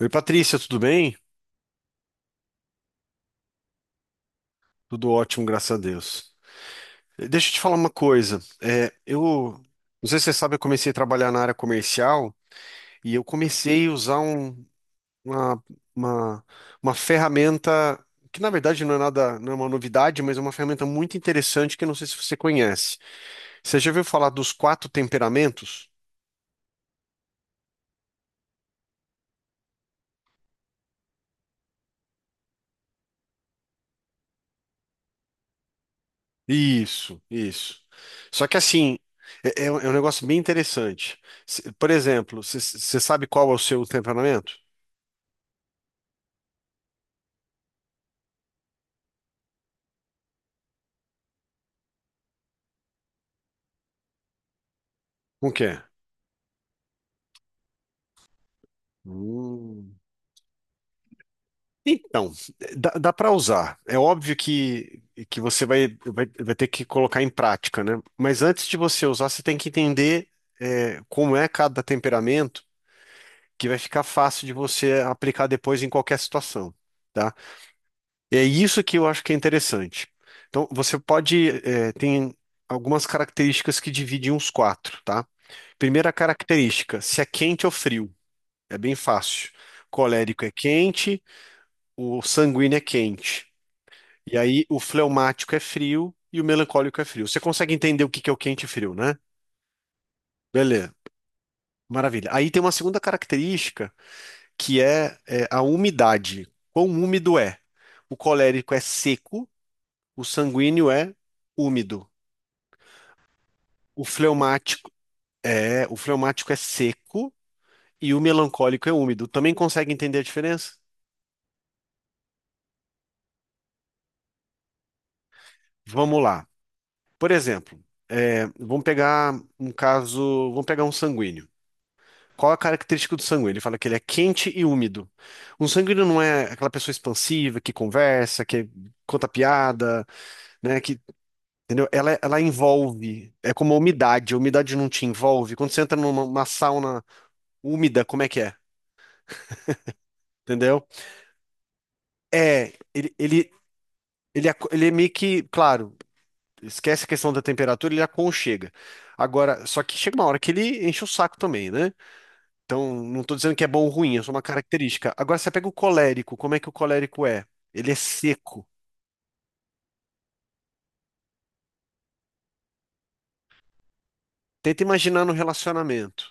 Oi, Patrícia, tudo bem? Tudo ótimo, graças a Deus. Deixa eu te falar uma coisa. Eu não sei se você sabe, eu comecei a trabalhar na área comercial e eu comecei a usar uma, uma, uma ferramenta que na verdade não é nada, não é uma novidade, mas é uma ferramenta muito interessante que eu não sei se você conhece. Você já ouviu falar dos quatro temperamentos? Isso, isso. Só que assim, um negócio bem interessante. Por exemplo, você sabe qual é o seu temperamento? O que é? Hum. Então, dá para usar. É óbvio que você vai ter que colocar em prática, né? Mas antes de você usar, você tem que entender como é cada temperamento, que vai ficar fácil de você aplicar depois em qualquer situação, tá? É isso que eu acho que é interessante. Então, você pode, tem algumas características que dividem os quatro, tá? Primeira característica, se é quente ou frio. É bem fácil. Colérico é quente, o sanguíneo é quente. E aí o fleumático é frio e o melancólico é frio. Você consegue entender o que que é o quente e frio, né? Beleza, maravilha. Aí tem uma segunda característica que é, a umidade. Quão úmido é? O colérico é seco, o sanguíneo é úmido. O fleumático o fleumático é seco e o melancólico é úmido. Também consegue entender a diferença? Vamos lá. Por exemplo, vamos pegar um caso, vamos pegar um sanguíneo. Qual a característica do sangue? Ele fala que ele é quente e úmido. Um sanguíneo não é aquela pessoa expansiva que conversa, que conta piada, né? Que, entendeu? Ela envolve. É como a umidade. A umidade não te envolve. Quando você entra numa sauna úmida, como é que é? Entendeu? É, ele, ele, ele é meio que, claro, esquece a questão da temperatura, ele aconchega. Agora, só que chega uma hora que ele enche o saco também, né? Então, não estou dizendo que é bom ou ruim, é só uma característica. Agora, você pega o colérico, como é que o colérico é? Ele é seco. Tenta imaginar no relacionamento.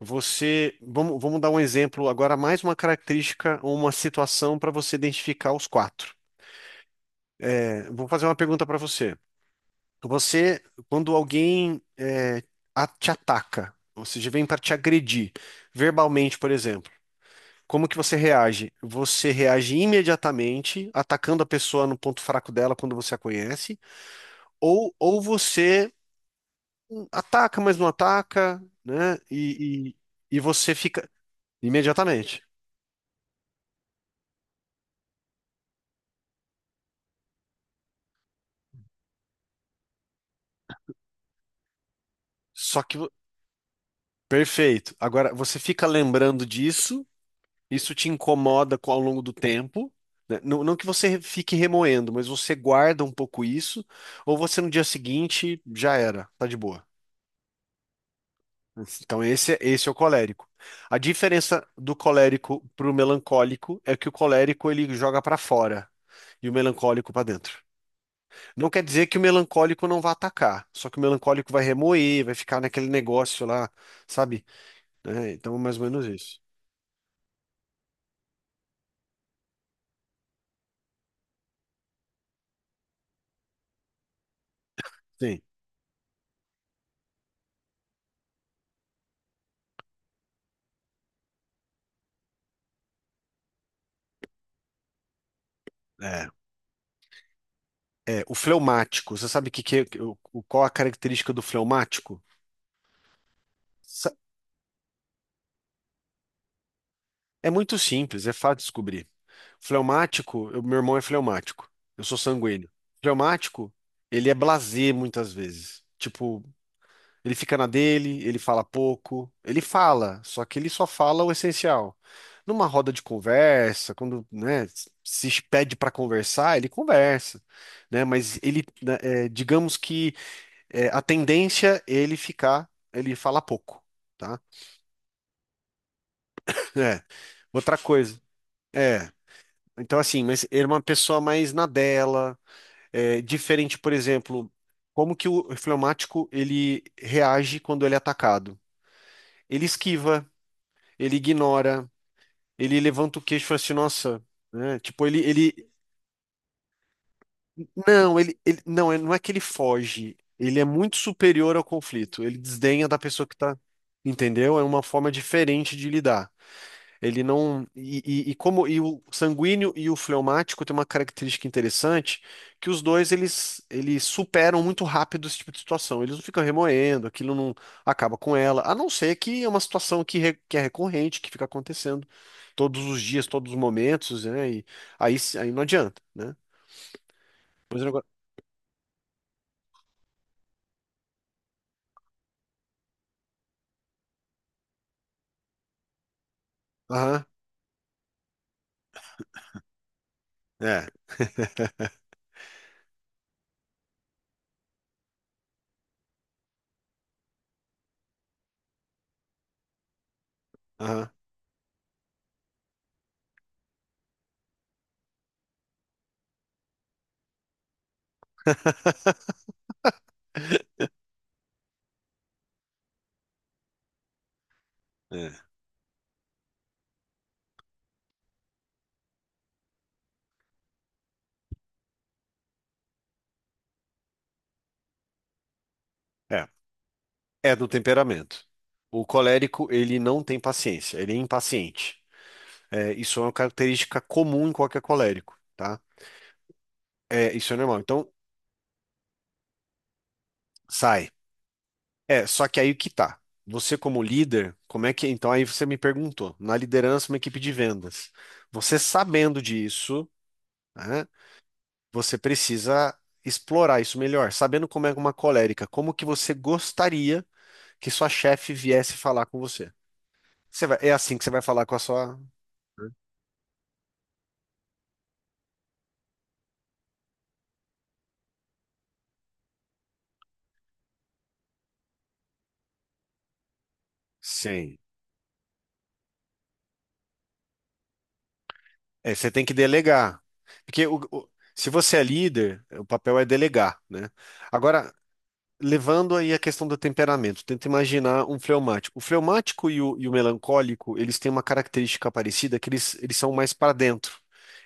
Você, vamos dar um exemplo agora, mais uma característica ou uma situação para você identificar os quatro. Vou fazer uma pergunta para você. Você, quando alguém te ataca, ou seja, vem para te agredir, verbalmente, por exemplo. Como que você reage? Você reage imediatamente, atacando a pessoa no ponto fraco dela quando você a conhece, ou você ataca, mas não ataca, né? E você fica imediatamente. Só que, vo- perfeito. Agora, você fica lembrando disso, isso te incomoda ao longo do tempo. Né? Não, fique remoendo, mas você guarda um pouco isso, ou você no dia seguinte já era, tá de boa. Então, esse é o colérico. A diferença do colérico para o melancólico é que o colérico ele joga para fora e o melancólico para dentro. Não quer dizer que o melancólico não vai atacar, só que o melancólico vai remoer, vai ficar naquele negócio lá, sabe? Né? Então, é mais ou menos isso. Sim. É, o fleumático, você sabe que, qual a característica do fleumático? Sa- É muito simples, é fácil de descobrir. Fleumático, meu irmão é fleumático. Eu sou sanguíneo. Fleumático, ele é blasé muitas vezes. Tipo, ele fica na dele, ele fala pouco, ele fala, só que ele só fala o essencial. Numa roda de conversa, quando, né, se pede para conversar, ele conversa, né? Mas ele, né, digamos que a tendência é ele ficar, ele fala pouco, tá? É. Outra coisa. É. Então, assim, mas ele é uma pessoa mais na dela. É, diferente, por exemplo, como que o fleumático ele reage quando ele é atacado? Ele esquiva, ele ignora, ele levanta o queixo e fala assim, nossa, né? Tipo, não, não é que ele foge, ele é muito superior ao conflito, ele desdenha da pessoa que tá, entendeu? É uma forma diferente de lidar. Ele não. E o sanguíneo e o fleumático têm uma característica interessante, que os dois eles superam muito rápido esse tipo de situação. Eles não ficam remoendo, aquilo não acaba com ela, a não ser que é uma situação que é recorrente, que fica acontecendo todos os dias, todos os momentos, né? Aí não adianta, né? Mas o negócio. Aham, é, aham, é. É, é do temperamento. O colérico, ele não tem paciência, ele é impaciente. É, isso é uma característica comum em qualquer colérico, tá? É, isso é normal. Então, sai. É, só que aí que tá. Você como líder, como é que... Então, aí você me perguntou, na liderança, uma equipe de vendas. Você sabendo disso, né, você precisa explorar isso melhor. Sabendo como é uma colérica, como que você gostaria que sua chefe viesse falar com você. É assim que você vai falar com a sua... Sim. É, você tem que delegar. Porque se você é líder, o papel é delegar, né? Agora, levando aí a questão do temperamento, tenta imaginar um fleumático. O fleumático e o melancólico, eles têm uma característica parecida, que eles são mais para dentro.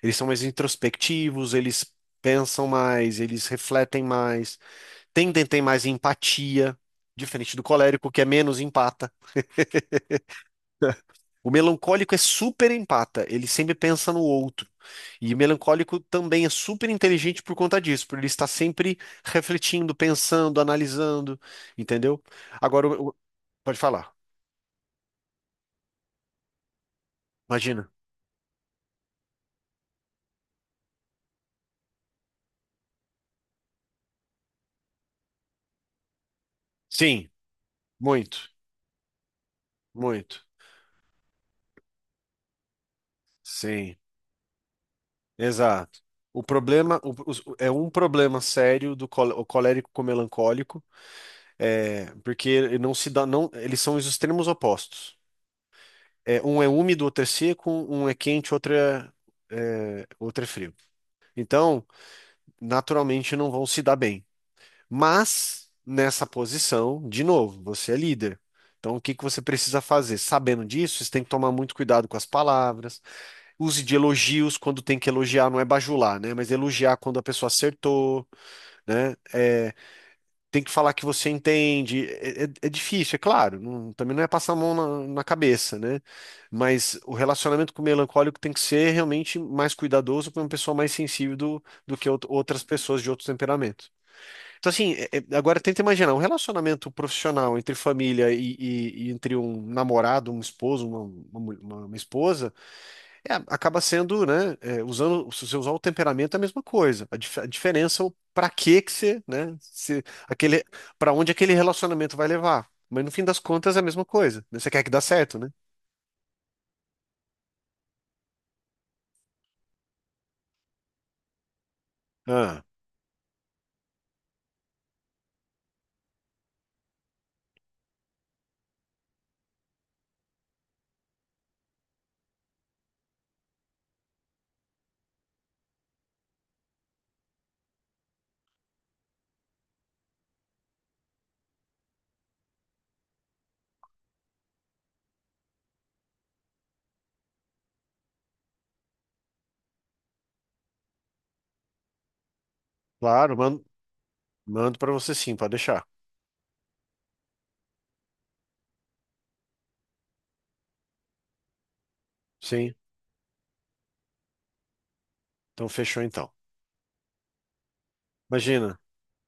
Eles são mais introspectivos, eles pensam mais, eles refletem mais, tendem a ter mais empatia, diferente do colérico, que é menos empata. O melancólico é super empata, ele sempre pensa no outro. E o melancólico também é super inteligente por conta disso, por ele estar sempre refletindo, pensando, analisando, entendeu? Agora, pode falar, imagina. Sim, muito, muito. Sim, exato. O problema o- é um problema sério o colérico com o melancólico, porque não se dá, não, eles são os extremos opostos. É, um é úmido, outro é seco, um é quente, outro é frio. Então, naturalmente não vão se dar bem. Mas, nessa posição, de novo, você é líder. Então, o que que você precisa fazer? Sabendo disso, você tem que tomar muito cuidado com as palavras. Use de elogios quando tem que elogiar, não é bajular, né? Mas elogiar quando a pessoa acertou, né? Tem que falar que você entende. É difícil, é claro. Também não é passar a mão na cabeça, né? Mas o relacionamento com o melancólico tem que ser realmente mais cuidadoso para uma pessoa mais sensível do que outras pessoas de outros temperamentos. Então, assim, agora tenta imaginar um relacionamento profissional entre família e entre um namorado, um esposo, uma esposa. É, acaba sendo, né? Usando, se você usar o temperamento é a mesma coisa. A diferença é o para que que você, né? Se aquele, para onde aquele relacionamento vai levar. Mas no fim das contas é a mesma coisa. Né? Você quer que dá certo, né? Ah, claro, mando para você sim, pode deixar. Sim, então fechou então. Imagina,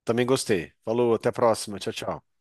também gostei. Falou, até a próxima. Tchau, tchau.